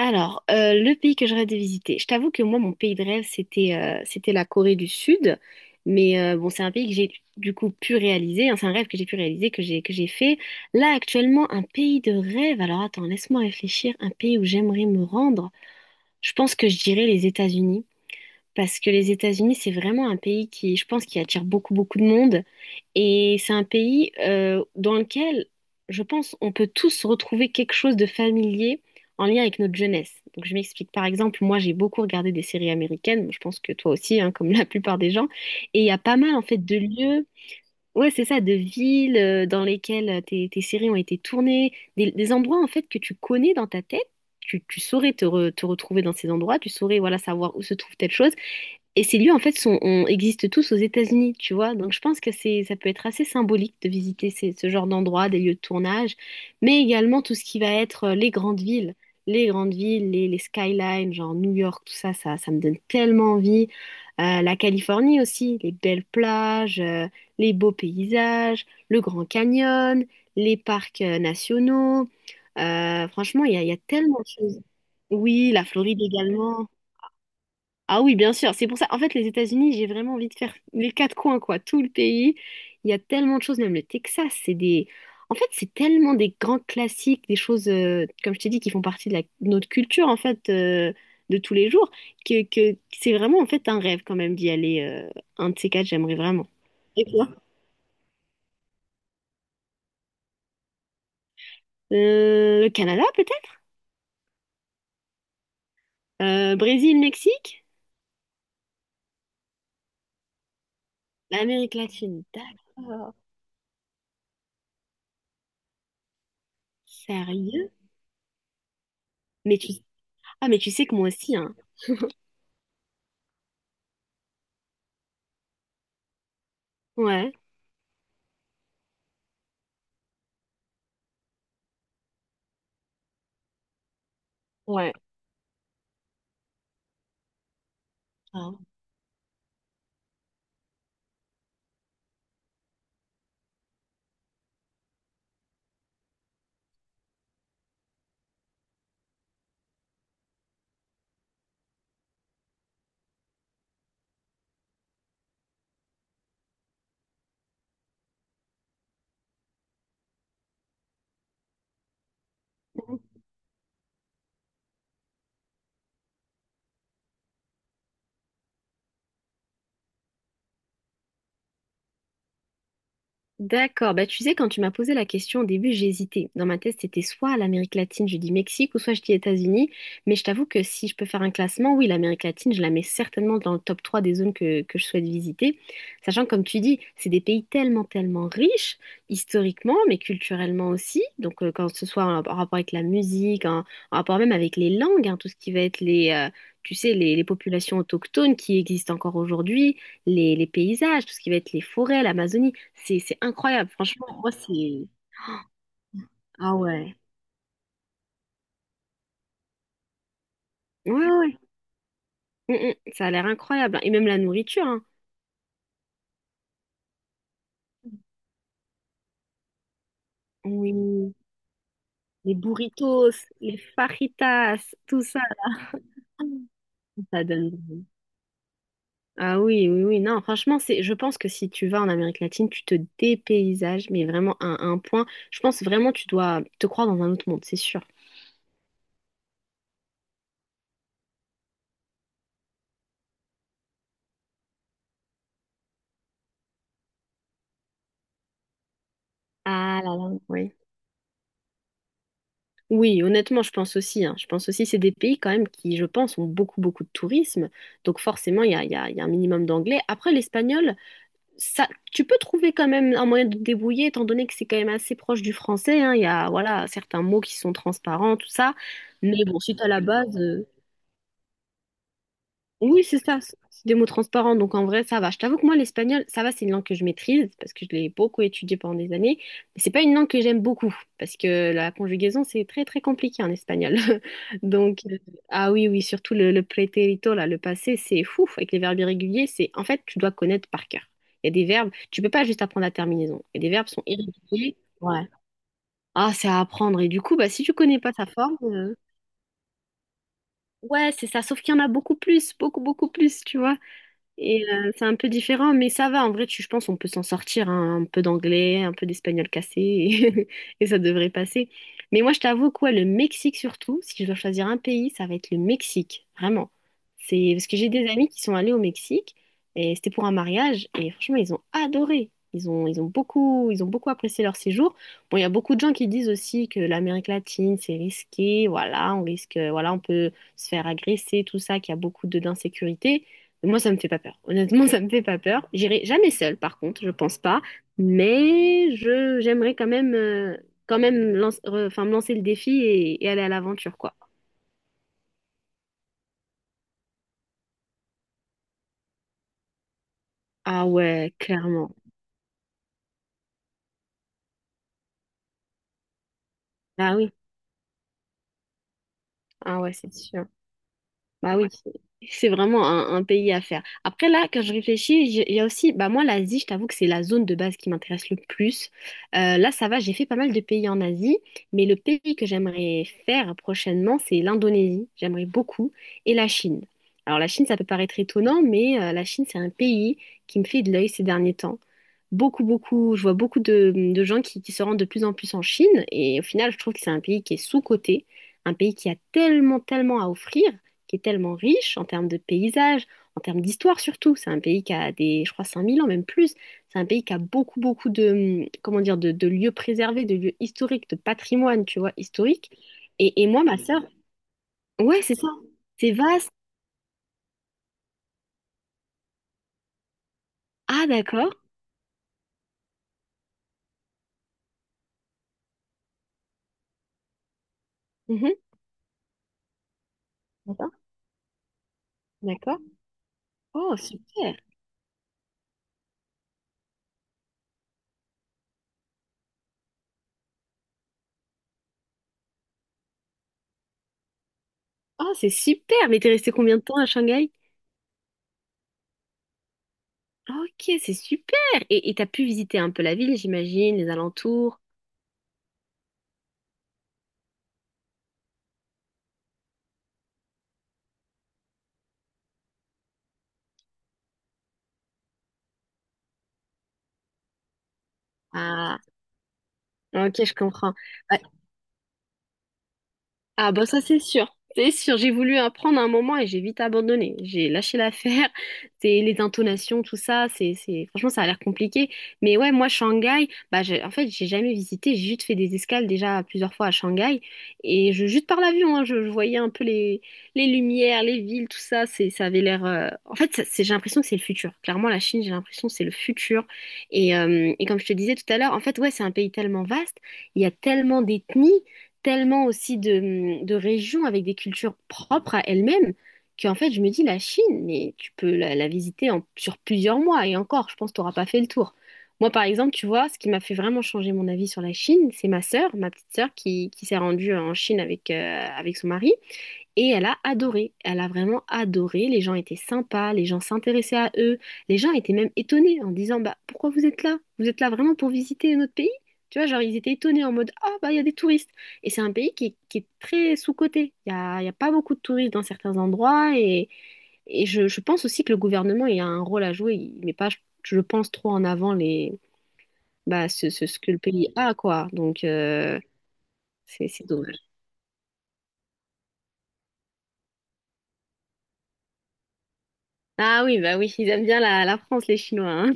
Alors, le pays que j'aurais de visiter, je t'avoue que moi, mon pays de rêve, c'était la Corée du Sud. Mais bon, c'est un pays que j'ai du coup pu réaliser, hein, c'est un rêve que j'ai pu réaliser, que j'ai fait. Là, actuellement, un pays de rêve. Alors, attends, laisse-moi réfléchir. Un pays où j'aimerais me rendre. Je pense que je dirais les États-Unis. Parce que les États-Unis, c'est vraiment un pays qui, je pense, qui attire beaucoup, beaucoup de monde. Et c'est un pays dans lequel, je pense, on peut tous retrouver quelque chose de familier en lien avec notre jeunesse. Donc, je m'explique. Par exemple, moi, j'ai beaucoup regardé des séries américaines. Je pense que toi aussi, hein, comme la plupart des gens. Et il y a pas mal, en fait, de lieux. Ouais, c'est ça, de villes dans lesquelles tes séries ont été tournées, des endroits en fait que tu connais dans ta tête, tu saurais te retrouver dans ces endroits, tu saurais, voilà, savoir où se trouve telle chose. Et ces lieux, en fait, existent tous aux États-Unis, tu vois. Donc, je pense que c'est, ça peut être assez symbolique de visiter ce genre d'endroits, des lieux de tournage, mais également tout ce qui va être les grandes villes. Les grandes villes, les skylines, genre New York, tout ça me donne tellement envie. La Californie aussi, les belles plages, les beaux paysages, le Grand Canyon, les parcs nationaux. Franchement, il y a tellement de choses. Oui, la Floride également. Ah oui, bien sûr, c'est pour ça. En fait, les États-Unis, j'ai vraiment envie de faire les quatre coins, quoi, tout le pays. Il y a tellement de choses, même le Texas, c'est des... En fait, c'est tellement des grands classiques, des choses, comme je t'ai dit, qui font partie de, de notre culture, en fait, de tous les jours, que c'est vraiment, en fait, un rêve quand même d'y aller. Un de ces quatre, j'aimerais vraiment. Et toi? Le Canada, peut-être? Brésil, Mexique? L'Amérique latine, d'accord. Sérieux? Mais tu... Ah, mais tu sais que moi aussi, hein. Ouais. Ouais. Ah. D'accord. Bah, tu sais, quand tu m'as posé la question au début, j'ai hésité. Dans ma tête, c'était soit l'Amérique latine, je dis Mexique, ou soit je dis États-Unis. Mais je t'avoue que si je peux faire un classement, oui, l'Amérique latine, je la mets certainement dans le top 3 des zones que je souhaite visiter. Sachant que, comme tu dis, c'est des pays tellement, tellement riches, historiquement, mais culturellement aussi. Donc, quand ce soit en, en rapport avec la musique, en rapport même avec les langues, hein, tout ce qui va être les... Tu sais, les populations autochtones qui existent encore aujourd'hui, les paysages, tout ce qui va être les forêts, l'Amazonie. C'est incroyable. Franchement, moi, c'est... Ah ouais. Ouais, ouais. Mm, mm. Ça a l'air incroyable, hein. Et même la nourriture, hein. Oui. Les burritos, les fajitas, tout ça. Ça donne... Ah oui, oui, oui. Non, franchement, c'est, je pense que si tu vas en Amérique latine, tu te dépaysages, mais vraiment à un point. Je pense vraiment tu dois te croire dans un autre monde, c'est sûr. Ah là là, oui. Oui, honnêtement, je pense aussi, hein. Je pense aussi c'est des pays quand même qui, je pense, ont beaucoup, beaucoup de tourisme. Donc forcément, il y a, il y a- il y a un minimum d'anglais. Après, l'espagnol, ça, tu peux trouver quand même un moyen de te débrouiller, étant donné que c'est quand même assez proche du français, hein. Il y a, voilà, certains mots qui sont transparents, tout ça. Mais bon, si tu as la base, oui, c'est ça, c'est des mots transparents, donc en vrai, ça va. Je t'avoue que moi, l'espagnol, ça va, c'est une langue que je maîtrise, parce que je l'ai beaucoup étudiée pendant des années, mais c'est pas une langue que j'aime beaucoup, parce que la conjugaison, c'est très, très compliqué en espagnol. Donc, ah oui, oui, surtout le pretérito, là, le passé, c'est fou, avec les verbes irréguliers, c'est, en fait, tu dois connaître par cœur. Il y a des verbes, tu peux pas juste apprendre la terminaison, et des verbes sont irréguliers, ouais. Ah, c'est à apprendre, et du coup, bah, si tu connais pas sa forme, ouais, c'est ça, sauf qu'il y en a beaucoup plus, beaucoup, beaucoup plus, tu vois. Et c'est un peu différent, mais ça va. En vrai, tu, je pense on peut s'en sortir, hein, un peu d'anglais, un peu d'espagnol cassé, et et ça devrait passer. Mais moi, je t'avoue, quoi, le Mexique surtout, si je dois choisir un pays, ça va être le Mexique, vraiment. C'est parce que j'ai des amis qui sont allés au Mexique, et c'était pour un mariage, et franchement, ils ont adoré. Ils ont beaucoup apprécié leur séjour. Bon, il y a beaucoup de gens qui disent aussi que l'Amérique latine, c'est risqué, voilà, on risque, voilà, on peut se faire agresser, tout ça, qu'il y a beaucoup de d'insécurité. Moi, ça me fait pas peur. Honnêtement, ça me fait pas peur. J'irai jamais seule, par contre, je pense pas. Mais je j'aimerais quand même enfin, me lancer le défi et aller à l'aventure, quoi. Ah ouais, clairement. Ah oui. Ah ouais, c'est sûr. Bah oui, c'est vraiment un pays à faire. Après, là, quand je réfléchis, il y a aussi, bah moi, l'Asie, je t'avoue que c'est la zone de base qui m'intéresse le plus. Là, ça va, j'ai fait pas mal de pays en Asie, mais le pays que j'aimerais faire prochainement, c'est l'Indonésie. J'aimerais beaucoup. Et la Chine. Alors, la Chine, ça peut paraître étonnant, mais la Chine, c'est un pays qui me fait de l'œil ces derniers temps. Beaucoup, beaucoup, je vois beaucoup de gens qui se rendent de plus en plus en Chine, et au final, je trouve que c'est un pays qui est sous-coté, un pays qui a tellement, tellement à offrir, qui est tellement riche en termes de paysages, en termes d'histoire surtout. C'est un pays qui a des, je crois, 5 000 ans, même plus. C'est un pays qui a beaucoup, beaucoup de, comment dire, de lieux préservés, de lieux historiques, de patrimoine, tu vois, historique. Et moi, ma sœur, ouais, c'est ça. C'est vaste. Ah, d'accord. Mhm. D'accord. D'accord. Oh, super. Oh, c'est super. Mais t'es restée combien de temps à Shanghai? Ok, c'est super. Et t'as pu visiter un peu la ville, j'imagine, les alentours. Ah, ok, je comprends. Bah. Ah bah ça c'est sûr. C'est sûr, j'ai voulu apprendre à un moment et j'ai vite abandonné. J'ai lâché l'affaire. C'est les intonations, tout ça, c'est franchement, ça a l'air compliqué. Mais ouais, moi Shanghai, bah en fait, j'ai jamais visité, j'ai juste fait des escales déjà plusieurs fois à Shanghai et je juste par l'avion, hein, je voyais un peu les lumières, les villes, tout ça, c'est ça avait l'air en fait, ça- c'est j'ai l'impression que c'est le futur. Clairement la Chine, j'ai l'impression que c'est le futur et comme je te disais tout à l'heure, en fait, ouais, c'est un pays tellement vaste, il y a tellement d'ethnies, tellement aussi de régions avec des cultures propres à elles-mêmes, qu'en fait, je me dis, la Chine, mais tu peux la visiter en, sur plusieurs mois et encore, je pense que tu n'auras pas fait le tour. Moi, par exemple, tu vois, ce qui m'a fait vraiment changer mon avis sur la Chine, c'est ma sœur, ma petite sœur, qui s'est rendue en Chine avec son mari. Et elle a adoré, elle a vraiment adoré, les gens étaient sympas, les gens s'intéressaient à eux, les gens étaient même étonnés en disant, bah pourquoi vous êtes là? Vous êtes là vraiment pour visiter notre pays? Tu vois, genre, ils étaient étonnés en mode, ah bah il y a des touristes. Et c'est un pays qui est très sous-coté, il y a pas beaucoup de touristes dans certains endroits, et je pense aussi que le gouvernement il a un rôle à jouer, il met pas, je pense, trop en avant les bah ce que le pays a, quoi. Donc c'est dommage. Ah oui bah oui, ils aiment bien la France, les Chinois, hein.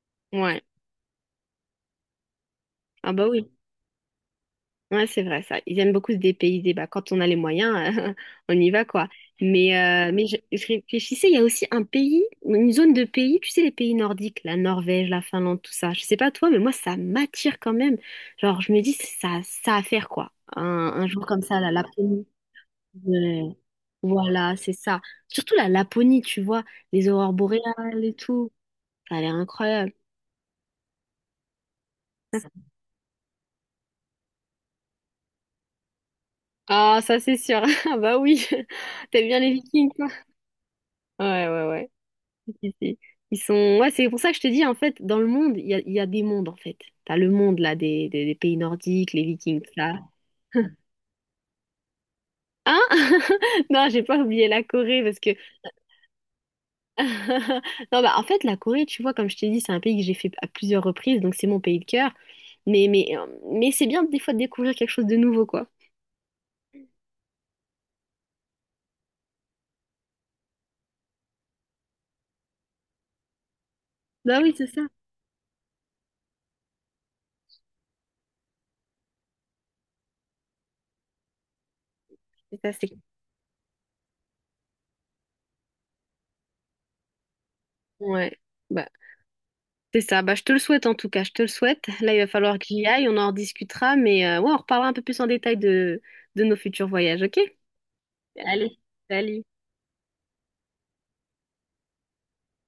Ouais. Ah bah oui, ouais, c'est vrai ça. Ils aiment beaucoup se dépayser. Bah, quand on a les moyens, on y va, quoi. Mais je réfléchissais, il y a aussi un pays, une zone de pays, tu sais, les pays nordiques, la Norvège, la Finlande, tout ça. Je sais pas toi, mais moi, ça m'attire quand même. Genre, je me dis, ça à faire, quoi. Un jour comme ça, la Laponie. Ouais. Voilà, c'est ça. Surtout la Laponie, tu vois, les aurores boréales et tout. Ça a l'air incroyable. Ah, ça c'est sûr. Ah bah oui, t'aimes bien les Vikings, quoi. Ouais, ouais, ouais. Ils ils sont... Ouais, c'est pour ça que je te dis, en fait, dans le monde, il y a des mondes, en fait. T'as le monde, là, des pays nordiques, les Vikings, tout ça. Hein? Non, j'ai pas oublié la Corée, parce que... Non, bah, en fait, la Corée, tu vois, comme je t'ai dit, c'est un pays que j'ai fait à plusieurs reprises, donc c'est mon pays de cœur. Mais, mais, euh, mais c'est bien, des fois, de découvrir quelque chose de nouveau, quoi. Bah oui, c'est ça. C'est ça, c'est... Ouais. Bah, c'est ça. Bah, je te le souhaite, en tout cas. Je te le souhaite. Là, il va falloir que j'y aille, on en rediscutera, mais ouais, on reparlera un peu plus en détail de nos futurs voyages, ok? Allez, salut.